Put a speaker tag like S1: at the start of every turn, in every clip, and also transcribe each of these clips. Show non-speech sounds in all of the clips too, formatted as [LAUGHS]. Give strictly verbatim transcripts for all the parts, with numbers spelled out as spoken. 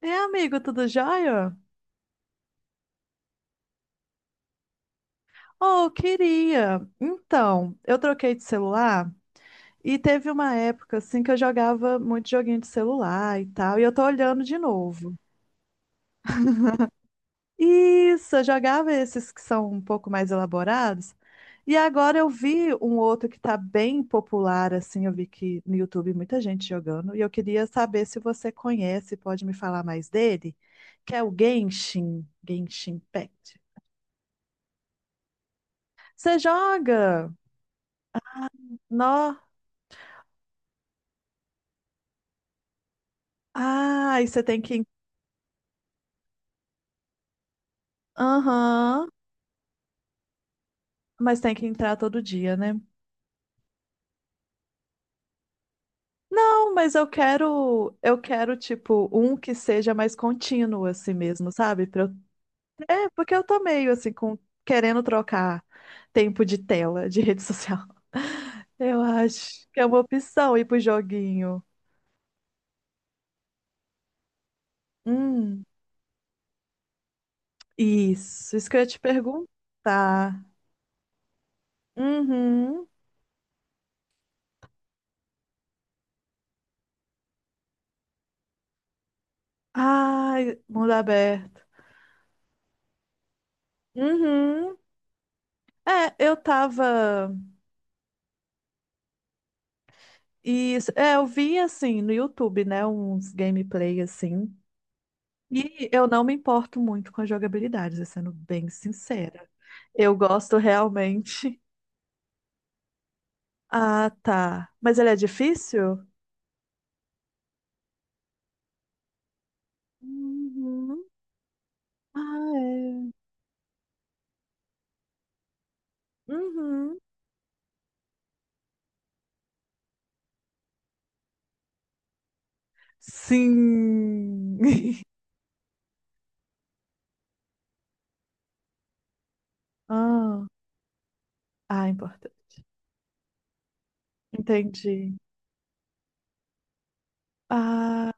S1: É, amigo, tudo jóia? Oh, queria. Então, eu troquei de celular e teve uma época assim que eu jogava muito joguinho de celular e tal, e eu tô olhando de novo. Isso, eu jogava esses que são um pouco mais elaborados. E agora eu vi um outro que tá bem popular assim, eu vi que no YouTube muita gente jogando, e eu queria saber se você conhece, pode me falar mais dele, que é o Genshin, Genshin Impact. Você joga? Nó. Ah, e você tem que. Aham, mas tem que entrar todo dia, né? Não, mas eu quero, eu quero, tipo, um que seja mais contínuo assim mesmo, sabe? Pra eu... É, porque eu tô meio assim, com... querendo trocar tempo de tela, de rede social. [LAUGHS] Eu acho que é uma opção ir pro joguinho. Hum, isso, isso que eu ia te perguntar. Uhum. Ai, mundo aberto. Uhum. É, eu tava. E é, eu vi assim no YouTube, né, uns gameplay assim. E eu não me importo muito com a jogabilidade, sendo bem sincera. Eu gosto realmente. Ah, tá. Mas ele é difícil? Uhum. Ah, é. Uhum. Sim. [LAUGHS] Ah, ah, é importante. Entendi. Ah,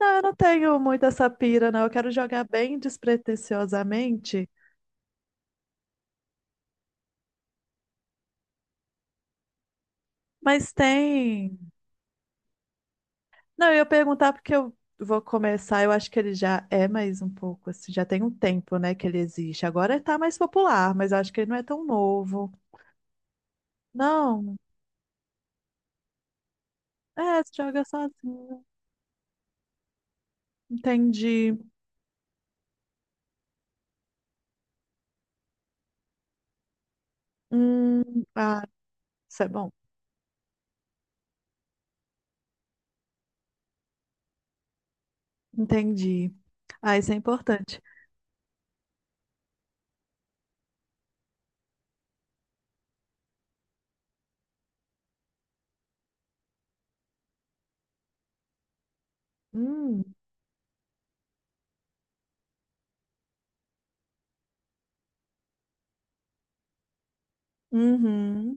S1: não, eu não tenho muito essa pira, não. Eu quero jogar bem despretensiosamente, mas tem. Não, eu ia perguntar porque eu vou começar. Eu acho que ele já é mais um pouco, assim, já tem um tempo, né, que ele existe. Agora ele tá mais popular, mas eu acho que ele não é tão novo. Não, é, você joga sozinho. Entendi. Hum, ah, isso é bom. Entendi. Ah, isso é importante. Hum, uhum.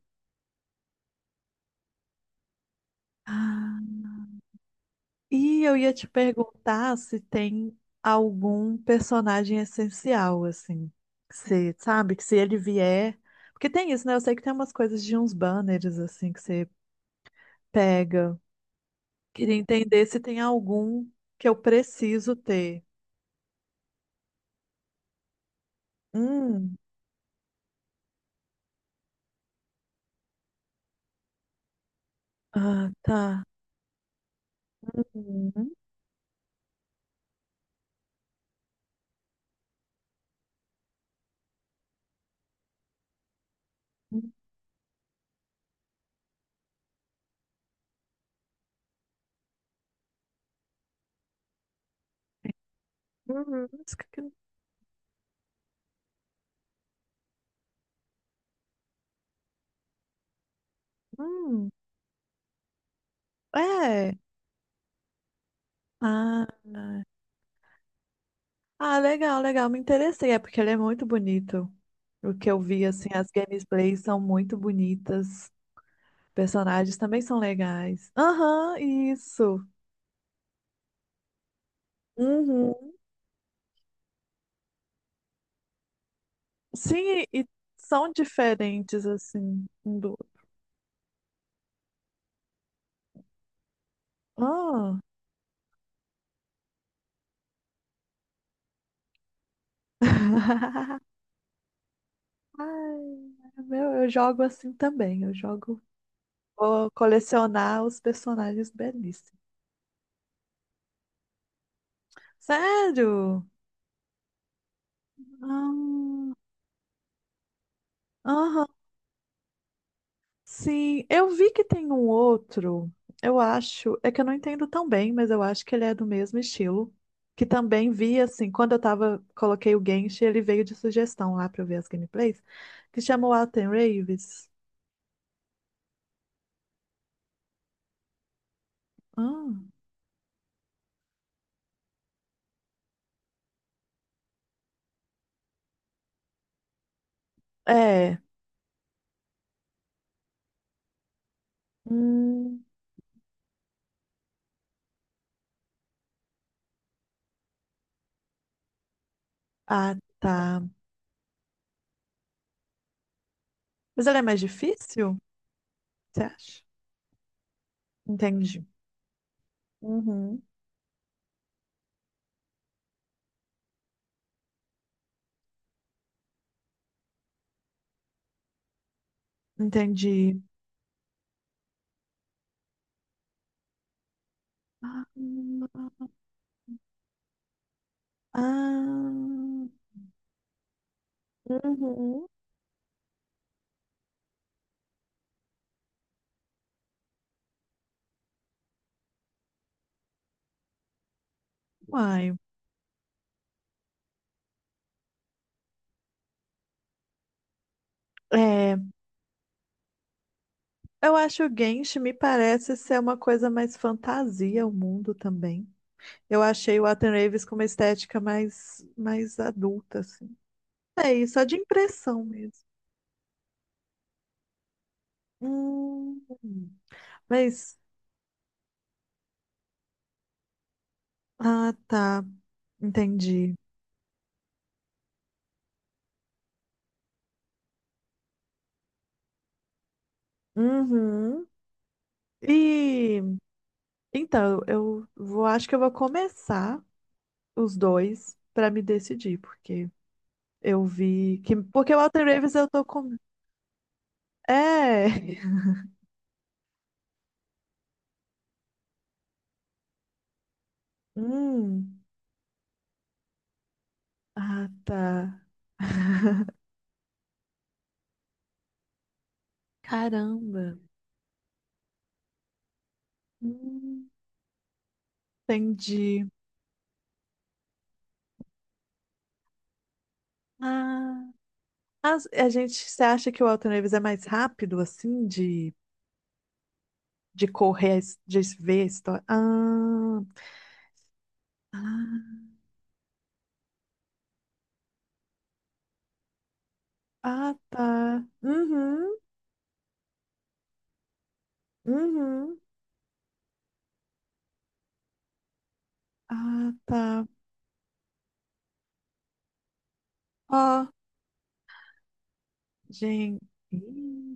S1: Ah. E eu ia te perguntar se tem algum personagem essencial, assim. Você sabe que se ele vier. Porque tem isso, né? Eu sei que tem umas coisas de uns banners, assim, que você pega. Queria entender se tem algum que eu preciso ter. Hum. Ah, tá. Uhum. Uhum. Isso que- que- Hum. É. Ah, ah, legal, legal. Me interessei. É porque ele é muito bonito. O que eu vi, assim, as gameplays são muito bonitas. Personagens também são legais. Aham, isso. Uhum. Sim, e são diferentes, assim, um do outro. Ah. [LAUGHS] Ah, meu, eu jogo assim também. Eu jogo. Vou colecionar os personagens belíssimos. Sério? Ah, aham. Sim, eu vi que tem um outro, eu acho, é que eu não entendo tão bem, mas eu acho que ele é do mesmo estilo, que também vi, assim, quando eu tava, coloquei o Genshin, ele veio de sugestão lá pra eu ver as gameplays, que chamou Alten Raves. Hum, é. Hum, ah, tá. Mas ele é mais difícil, você acha? Entendi. Uhum. Entendi. Ah, ah, uhum. Uai. É. Eu acho o Genshin me parece ser uma coisa mais fantasia, o mundo também. Eu achei o Watan Raves com uma estética mais, mais adulta, assim. É isso, é de impressão mesmo. Hum, mas, ah, tá, entendi. Uhum. E então, eu vou, acho que eu vou começar os dois para me decidir, porque eu vi que. Porque o Watan Raves eu tô com. É! [LAUGHS] Hum, ah, tá. [LAUGHS] Caramba. Hum, entendi. Ah, as- a gente, você acha que o Elton Davis é mais rápido, assim, de, de, correr, a his- de ver a história? Ah, ah, ah, tá. Uhum, uhum. Ah, tá. Ó, gente. Ih,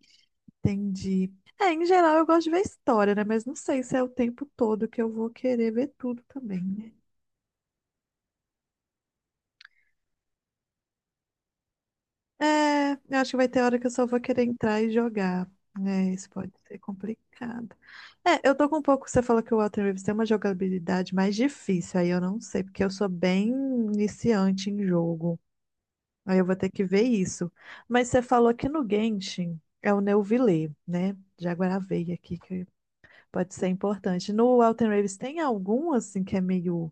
S1: entendi. É, em geral eu gosto de ver história, né? Mas não sei se é o tempo todo que eu vou querer ver tudo também, né? É, eu acho que vai ter hora que eu só vou querer entrar e jogar. Né? Isso pode ser complicado. É, eu tô com um pouco. Você falou que o Walter Reeves tem uma jogabilidade mais difícil, aí eu não sei, porque eu sou bem iniciante em jogo. Aí eu vou ter que ver isso. Mas você falou que no Genshin é o Neuvillette, né? Já gravei aqui, que pode ser importante. No Walter Reeves tem algum, assim, que é meio.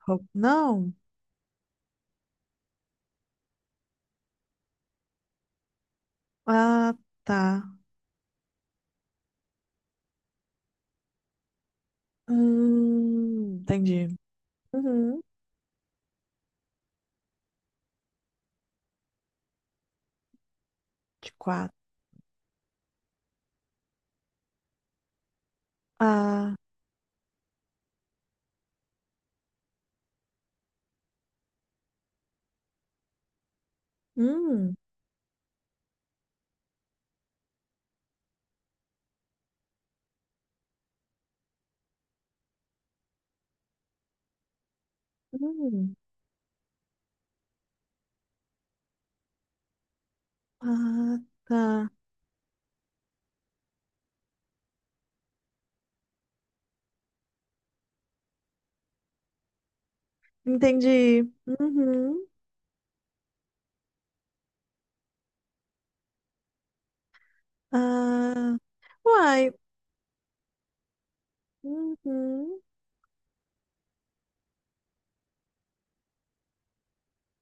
S1: rou- Não? Ah, tá. Hum, entendi. Uhum. De quatro. Ah, hum, hum, ah, tá. Entendi. Uhum. Ah, uai, uhum.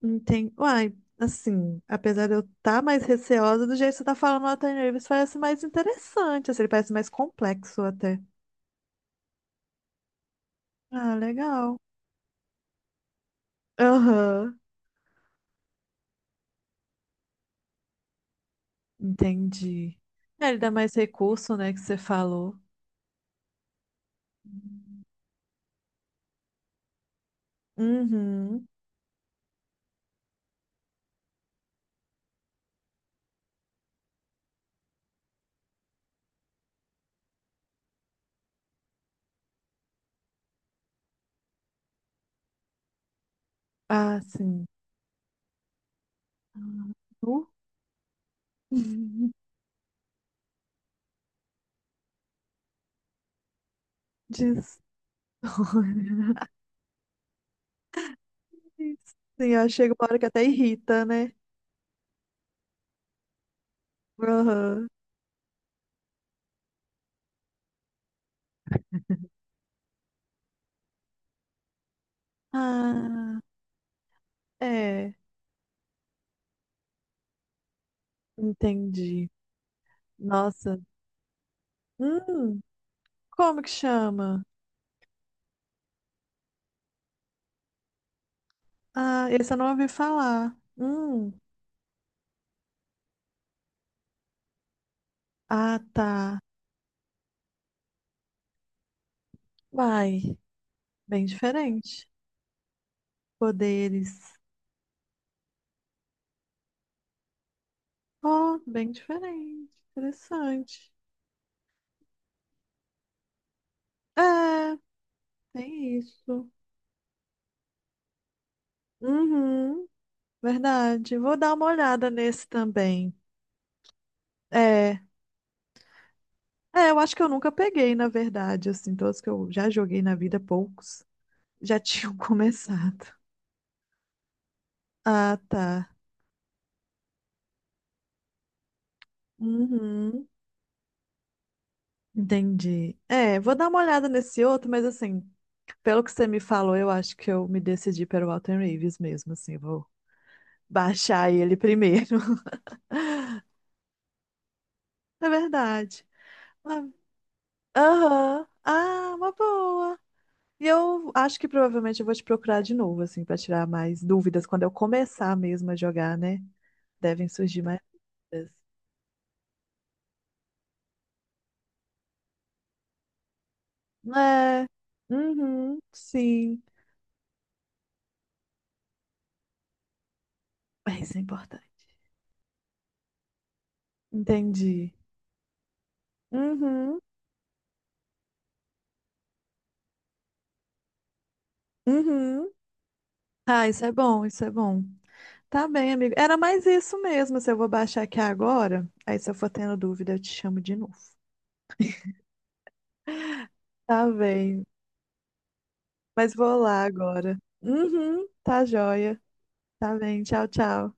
S1: Entendi. Uai, assim, apesar de eu estar mais receosa, do jeito que você tá falando, o Nathan Reeves parece mais interessante, assim, ele parece mais complexo até. Ah, legal. Aham, entendi. É, ele dá mais recurso, né, que você falou. Uhum. Ah, sim. Nu? [LAUGHS] De história. Sim, ó, chega uma hora que até irrita, né? Aham. Ah, é, entendi. Nossa. Hum, como que chama? Ah, esse eu não ouvi falar. Hum, ah, tá. Vai, bem diferente. Poderes. Oh, bem diferente. Interessante. É, tem isso. Uhum, verdade. Vou dar uma olhada nesse também. É. É, eu acho que eu nunca peguei, na verdade, assim, todos que eu já joguei na vida, poucos, já tinham [LAUGHS] começado. Ah, tá. Uhum, entendi. É, vou dar uma olhada nesse outro, mas assim, pelo que você me falou, eu acho que eu me decidi pelo Walter Raves mesmo, assim, vou baixar ele primeiro. [LAUGHS] É verdade. Ah, aham. Ah, uma boa. E eu acho que provavelmente eu vou te procurar de novo, assim, para tirar mais dúvidas quando eu começar mesmo a jogar, né? Devem surgir mais dúvidas. É. Uhum, sim. É, isso é importante. Entendi. Uhum, uhum. Ah, isso é bom, isso é bom. Tá bem, amigo. Era mais isso mesmo. Se eu vou baixar aqui agora, aí se eu for tendo dúvida, eu te chamo de novo. Tá bem. Mas vou lá agora. Uhum, tá joia. Tá bem. Tchau, tchau.